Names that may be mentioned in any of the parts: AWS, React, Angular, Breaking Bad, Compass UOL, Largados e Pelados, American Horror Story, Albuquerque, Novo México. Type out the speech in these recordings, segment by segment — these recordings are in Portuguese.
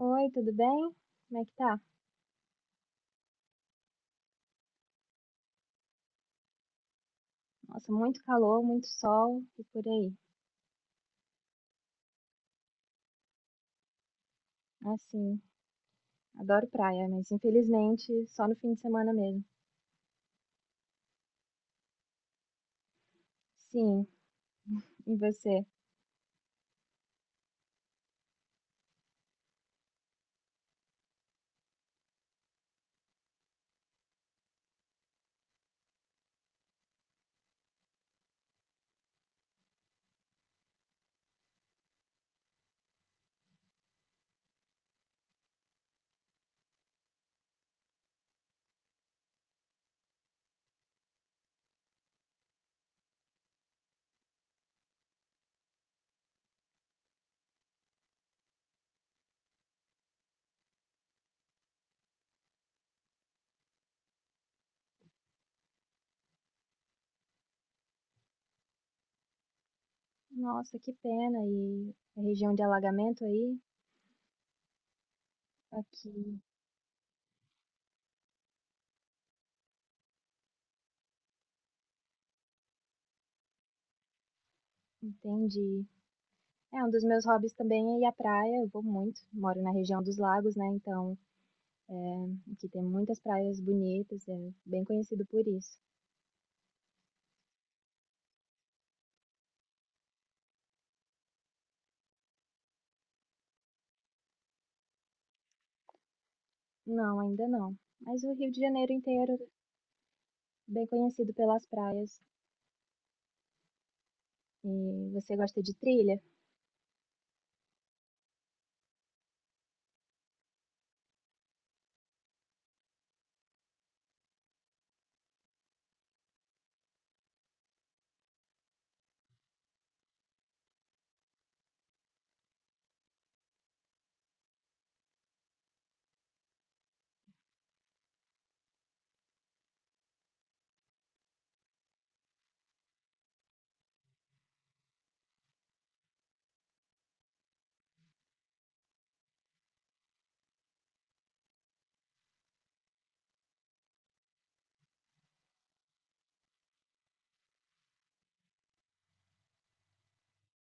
Oi, tudo bem? Como é que tá? Nossa, muito calor, muito sol e por aí. Assim, adoro praia, mas infelizmente só no fim de semana mesmo. Sim, e você? Nossa, que pena. E a região de alagamento aí? Aqui, entendi. É, um dos meus hobbies também é ir à praia. Eu vou muito, moro na região dos lagos, né? Então, aqui tem muitas praias bonitas, é bem conhecido por isso. Não, ainda não. Mas o Rio de Janeiro inteiro, é bem conhecido pelas praias. E você gosta de trilha?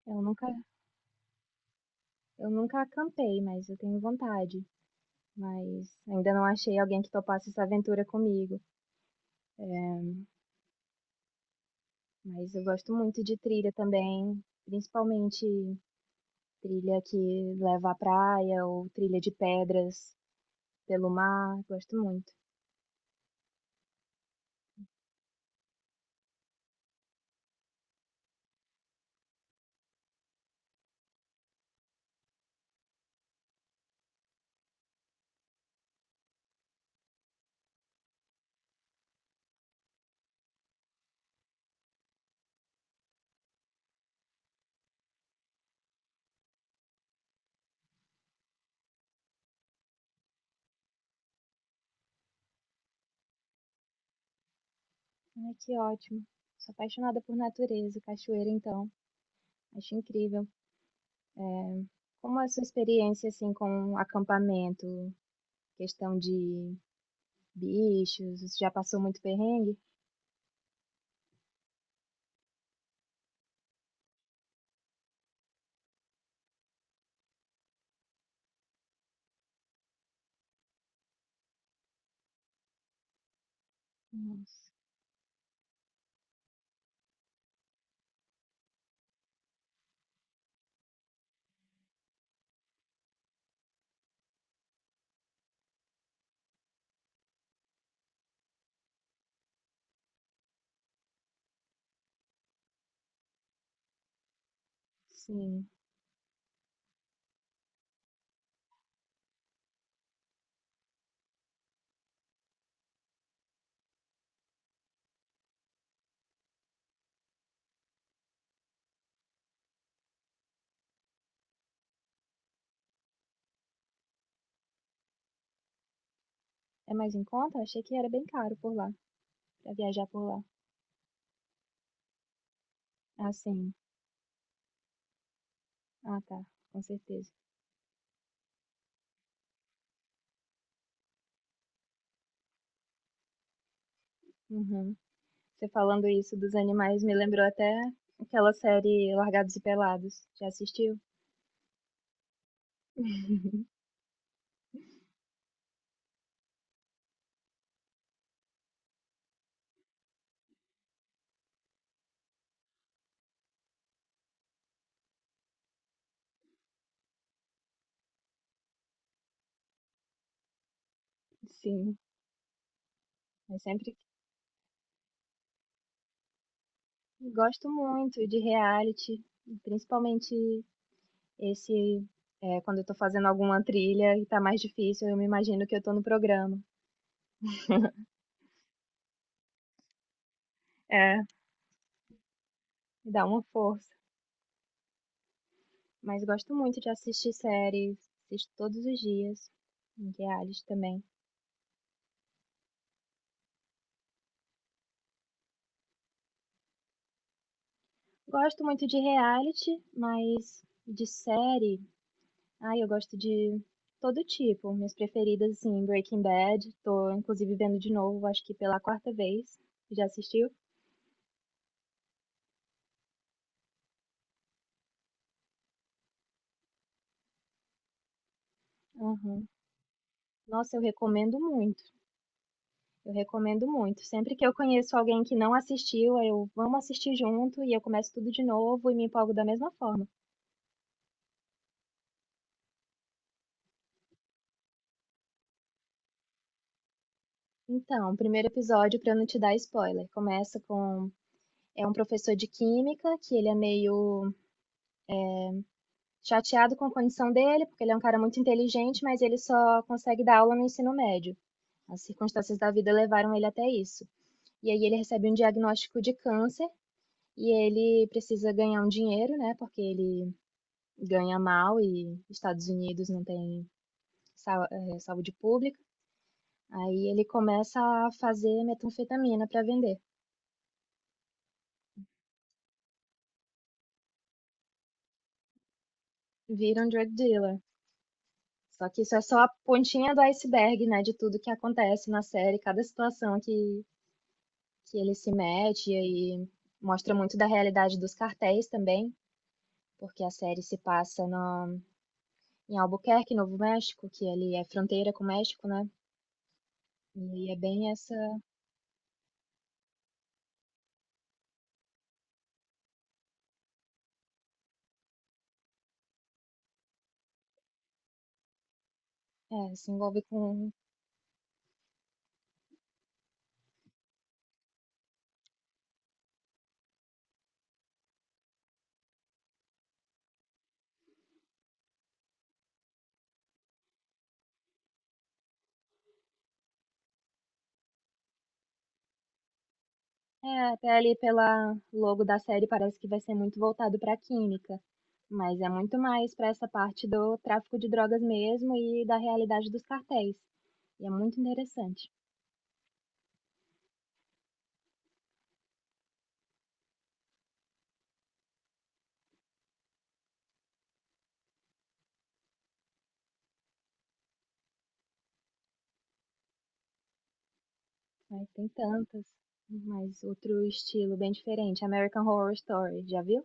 Eu nunca, eu nunca acampei, mas eu tenho vontade. Mas ainda não achei alguém que topasse essa aventura comigo. Mas eu gosto muito de trilha também, principalmente trilha que leva à praia ou trilha de pedras pelo mar. Gosto muito. Ai, que ótimo. Sou apaixonada por natureza, cachoeira então. Acho incrível. Como é a sua experiência assim com acampamento, questão de bichos, você já passou muito perrengue? Nossa. Sim. É mais em conta? Eu achei que era bem caro por lá, pra viajar por lá. Ah, sim. Ah, tá. Com certeza. Uhum. Você falando isso dos animais me lembrou até aquela série Largados e Pelados. Já assistiu? Sim. Eu sempre gosto muito de reality, principalmente esse, é, quando eu tô fazendo alguma trilha e tá mais difícil, eu me imagino que eu tô no programa. É, me dá uma força. Mas gosto muito de assistir séries, assisto todos os dias, em reality também. Gosto muito de reality, mas de série, ai, eu gosto de todo tipo. Minhas preferidas, assim, Breaking Bad, tô inclusive vendo de novo, acho que pela quarta vez. Já assistiu? Aham. Nossa, eu recomendo muito. Eu recomendo muito. Sempre que eu conheço alguém que não assistiu, eu vamos assistir junto e eu começo tudo de novo e me empolgo da mesma forma. Então, o primeiro episódio, para não te dar spoiler, começa com é um professor de química que ele é meio chateado com a condição dele, porque ele é um cara muito inteligente, mas ele só consegue dar aula no ensino médio. As circunstâncias da vida levaram ele até isso. E aí ele recebe um diagnóstico de câncer e ele precisa ganhar um dinheiro, né? Porque ele ganha mal e Estados Unidos não tem saúde pública. Aí ele começa a fazer metanfetamina para vender. Vira um drug dealer. Só que isso é só a pontinha do iceberg, né? De tudo que acontece na série, cada situação que ele se mete, e aí mostra muito da realidade dos cartéis também, porque a série se passa no, em Albuquerque, Novo México, que ali é fronteira com o México, né? E é bem essa. É, se envolve com. É, até ali pela logo da série parece que vai ser muito voltado para a química. Mas é muito mais para essa parte do tráfico de drogas mesmo e da realidade dos cartéis. E é muito interessante. Ai, tem tantas. Mas outro estilo bem diferente, American Horror Story, já viu?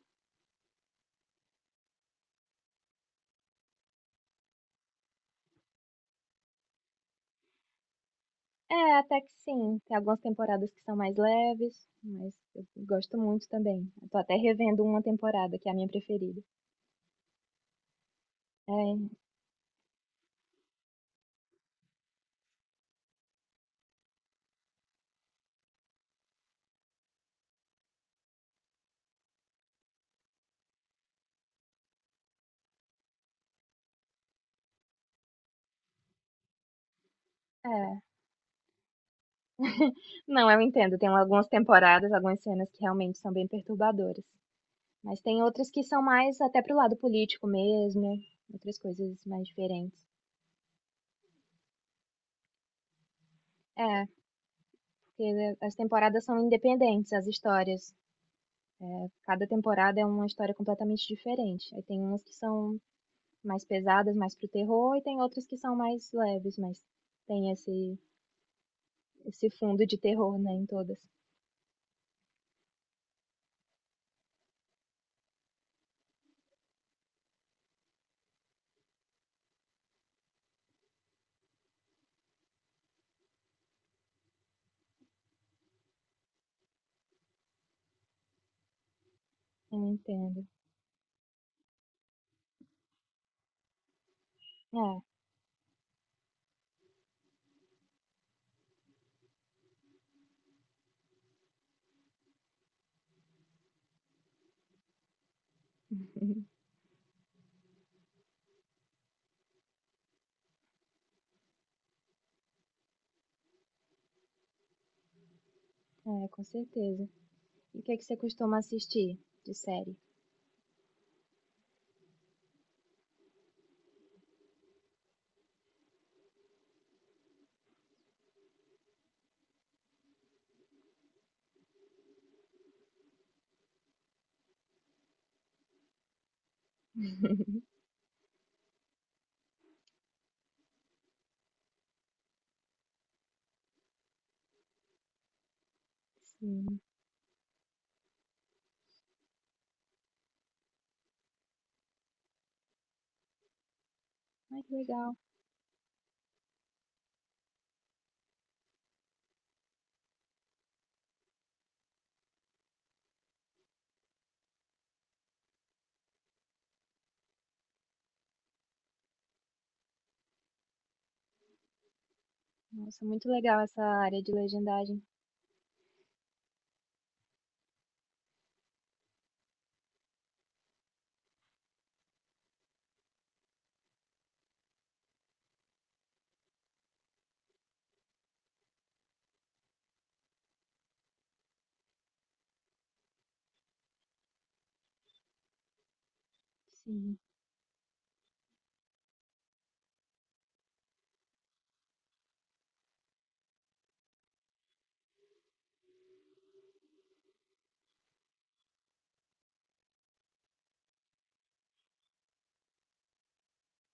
É, até que sim. Tem algumas temporadas que são mais leves, mas eu gosto muito também. Eu tô até revendo uma temporada, que é a minha preferida. É, é. Não, eu entendo. Tem algumas temporadas, algumas cenas que realmente são bem perturbadoras. Mas tem outras que são mais até pro lado político mesmo, outras coisas mais diferentes. É, porque as temporadas são independentes, as histórias. Cada temporada é uma história completamente diferente. Aí tem umas que são mais pesadas, mais pro terror, e tem outras que são mais leves, mas tem esse fundo de terror, né, em todas. Eu entendo. É, é, com certeza. E o que é que você costuma assistir de série? Sim. Ai, que legal. Nossa, muito legal essa área de legendagem. Sim.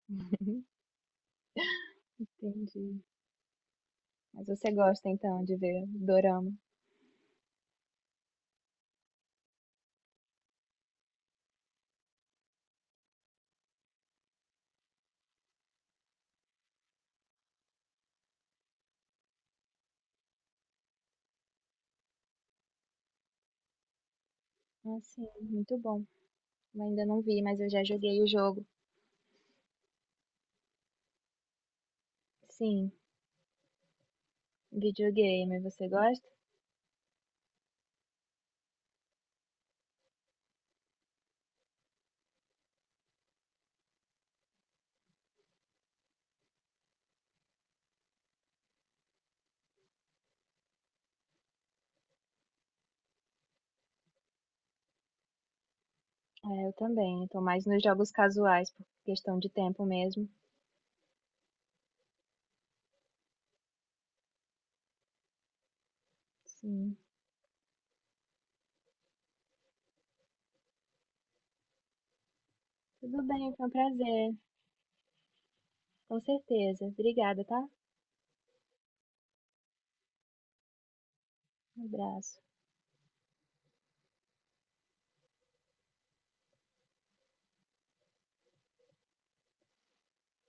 Entendi. Mas você gosta então de ver dorama? Ah, sim, muito bom. Eu ainda não vi, mas eu já joguei o jogo. Sim. Videogame, você gosta? É, eu também. Eu tô mais nos jogos casuais, por questão de tempo mesmo. Sim. Tudo bem, foi um prazer. Com certeza. Obrigada, tá? Um abraço.